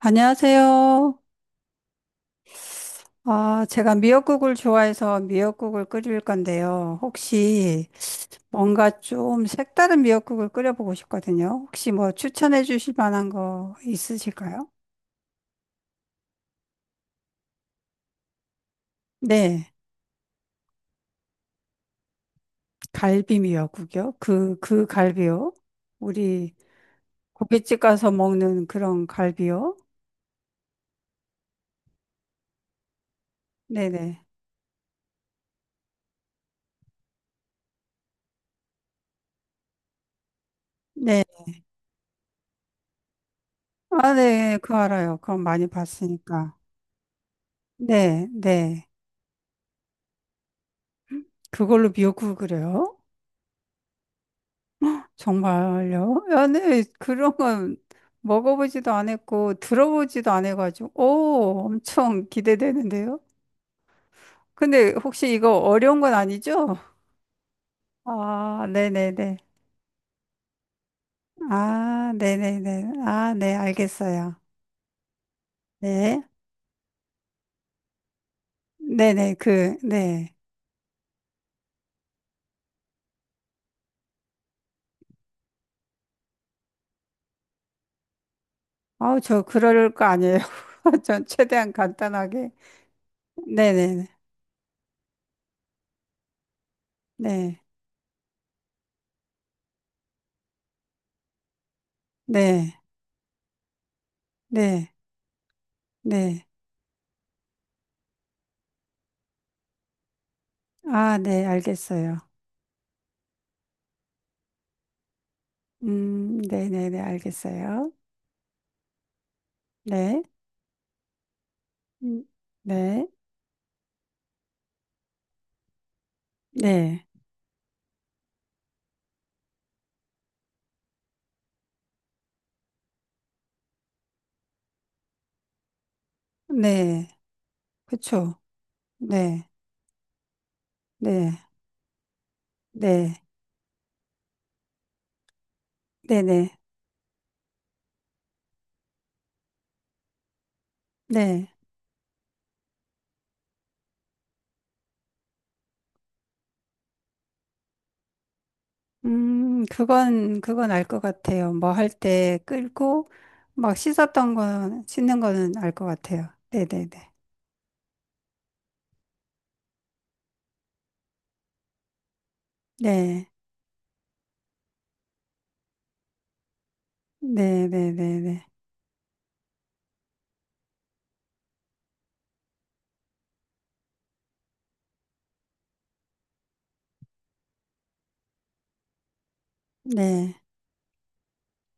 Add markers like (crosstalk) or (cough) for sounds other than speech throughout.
안녕하세요. 아, 제가 미역국을 좋아해서 미역국을 끓일 건데요. 혹시 뭔가 좀 색다른 미역국을 끓여보고 싶거든요. 혹시 뭐 추천해 주실 만한 거 있으실까요? 네, 갈비 미역국이요. 그 갈비요. 우리 고깃집 가서 먹는 그런 갈비요. 네네. 네. 아, 네, 그거 알아요. 그건 많이 봤으니까. 네, 네. 그걸로 미역국을 끓여요? 정말요? 아니, 그런 건 먹어보지도 안했고 들어보지도 안해가지고 오, 엄청 기대되는데요? 근데 혹시 이거 어려운 건 아니죠? 아, 네네네. 아, 네네네. 아, 네, 알겠어요. 네. 네네, 그, 네. 아우, 저 그럴 거 아니에요. (laughs) 전 최대한 간단하게. 네네네. 네. 네. 네. 네. 아, 네, 알겠어요. 네네네, 알겠어요. 네. 음, 네, 네, 네, 그쵸. 네, 네, 네, 네, 네, 네. 그건, 그건 알 것 같아요. 뭐 할 때 끓고, 막 씻었던 건, 씻는 거는 알 것 같아요. 네, 네, 네. 네, 네, 네, 네, 네. 네.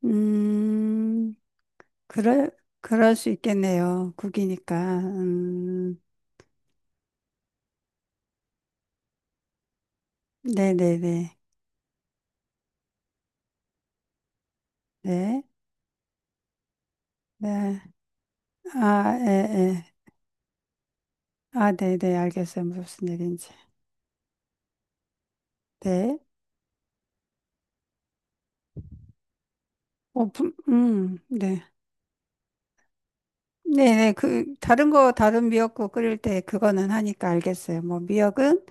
음, 그럴, 그럴 수 있겠네요. 국이니까. 네, 네, 네. 네, 네. 아, 예, 예. 아, 네, 네, 알겠어요. 무슨 얘기인지. 네. 어, 네. 네, 네. 그, 다른 미역국 끓일 때 그거는 하니까 알겠어요. 뭐, 미역은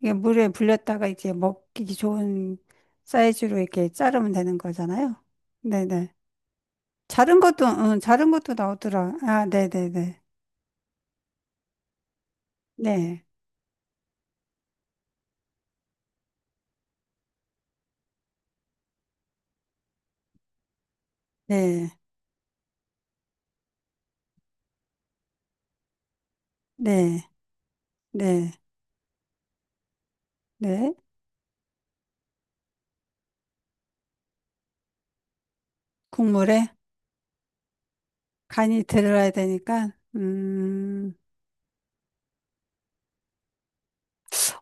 이게 물에 불렸다가 이제 먹기 좋은 사이즈로 이렇게 자르면 되는 거잖아요. 네, 네. 자른 것도, 응, 자른 것도 나오더라. 아, 네, 네, 네. 네, 네, 네, 네, 네. 국물에 간이 들어야 되니까,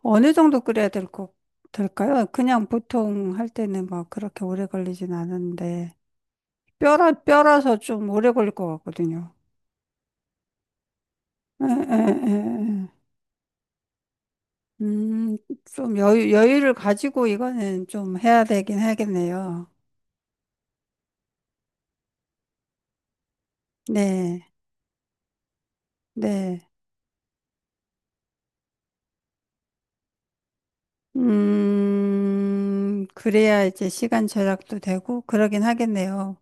어느 정도 끓여야 될까요? 그냥 보통 할 때는 막 그렇게 오래 걸리진 않은데, 뼈라서 좀 오래 걸릴 것 같거든요. 에, 에, 에, 에. 음, 좀 여유를 가지고 이거는 좀 해야 되긴 하겠네요. 네, 네. 그래야 이제 시간 절약도 되고, 그러긴 하겠네요.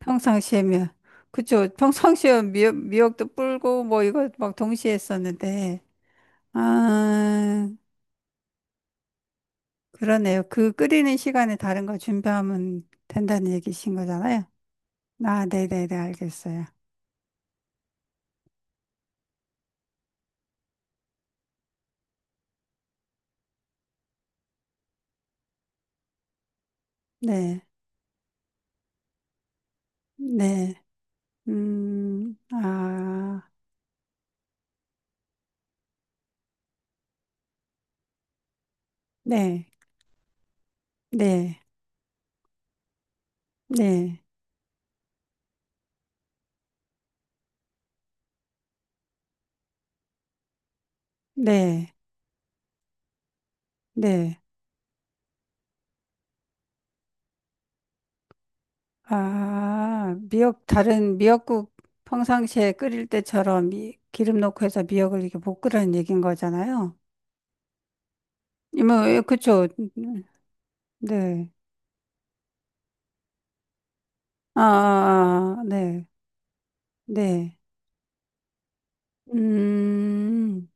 평상시에면. 그쵸. 평상시에 미역도 불고, 뭐 이거 막 동시에 했었는데. 아, 그러네요. 그 끓이는 시간에 다른 거 준비하면 된다는 얘기신 거잖아요. 아, 네네네, 알겠어요. 네, 네, 아, 네, 네, 네, 네, 네. 아, 미역, 다른 미역국 평상시에 끓일 때처럼 기름 넣고 해서 미역을 이렇게 못 끓이는 얘기인 거잖아요. 이모, 예, 그쵸. 네. 아, 아, 아, 아, 네, 네. 음,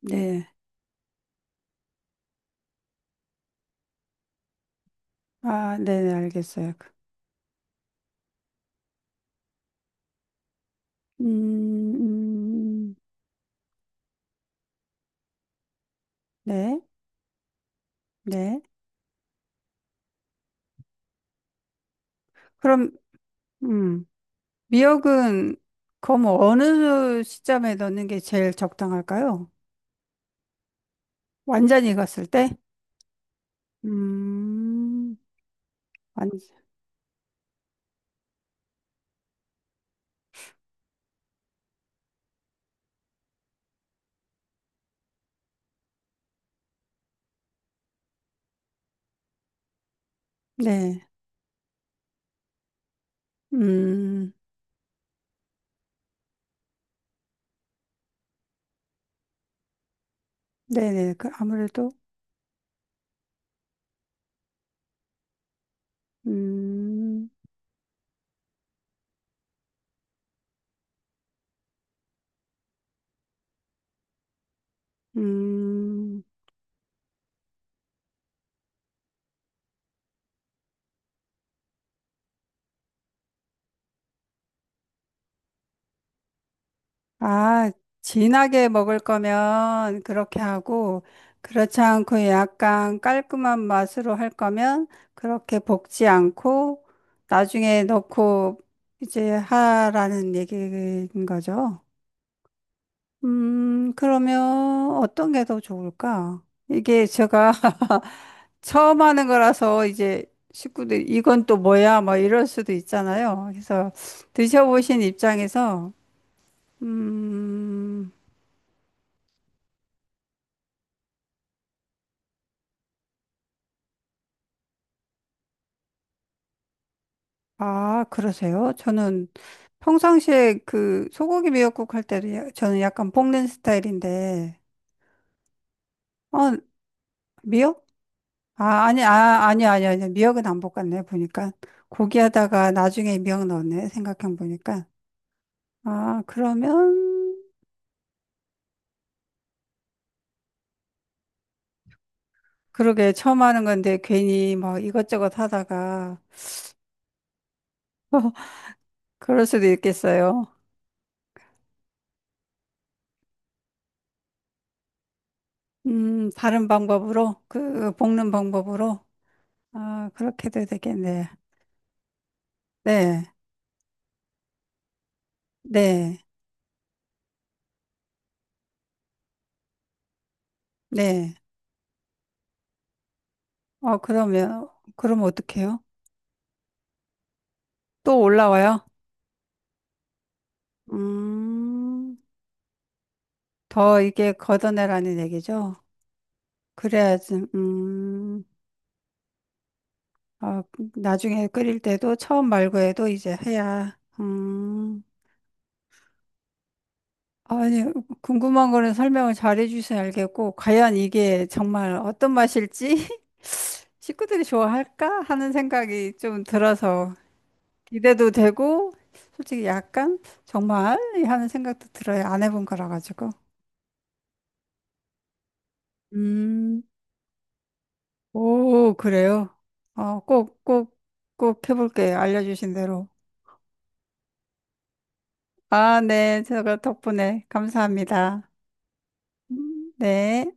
네. 아, 네네, 알겠어요. 그, 음, 음, 네, 네. 그럼, 음, 미역은, 그럼 어느 시점에 넣는 게 제일 적당할까요? 완전히 익었을 때? 음, 완, 네. 음, 네네. 그 아무래도, 음, 음. 아, 진하게 먹을 거면 그렇게 하고, 그렇지 않고 약간 깔끔한 맛으로 할 거면 그렇게 볶지 않고, 나중에 넣고 이제 하라는 얘기인 거죠. 그러면 어떤 게 더 좋을까? 이게 제가 (laughs) 처음 하는 거라서 이제 식구들 이건 또 뭐야? 뭐 이럴 수도 있잖아요. 그래서 드셔보신 입장에서, 음, 아, 그러세요? 저는 평상시에 그 소고기 미역국 할 때도 저는 약간 볶는 스타일인데, 어, 미역? 아, 아니, 아, 아니, 아니, 아니. 미역은 안 볶았네, 보니까. 고기 하다가 나중에 미역 넣었네, 생각해 보니까. 아, 그러면, 그러게, 처음 하는 건데 괜히 뭐 이것저것 하다가 그럴 수도 있겠어요. 다른 방법으로, 그, 볶는 방법으로. 아, 그렇게 도 되겠네. 네, 네, 네. 어, 그럼 어떡해요? 또 올라와요? 음, 더 이게 걷어내라는 얘기죠? 그래야지, 어, 나중에 끓일 때도 처음 말고 해도 이제 해야, 아니, 궁금한 거는 설명을 잘 해주셔야 알겠고, 과연 이게 정말 어떤 맛일지 (laughs) 식구들이 좋아할까 하는 생각이 좀 들어서 기대도 되고, 솔직히 약간 정말 하는 생각도 들어요. 안 해본 거라 가지고. 음. 오, 그래요? 어, 꼭, 꼭, 꼭 해볼게요. 알려주신 대로. 아, 네. 제가 덕분에 감사합니다. 네.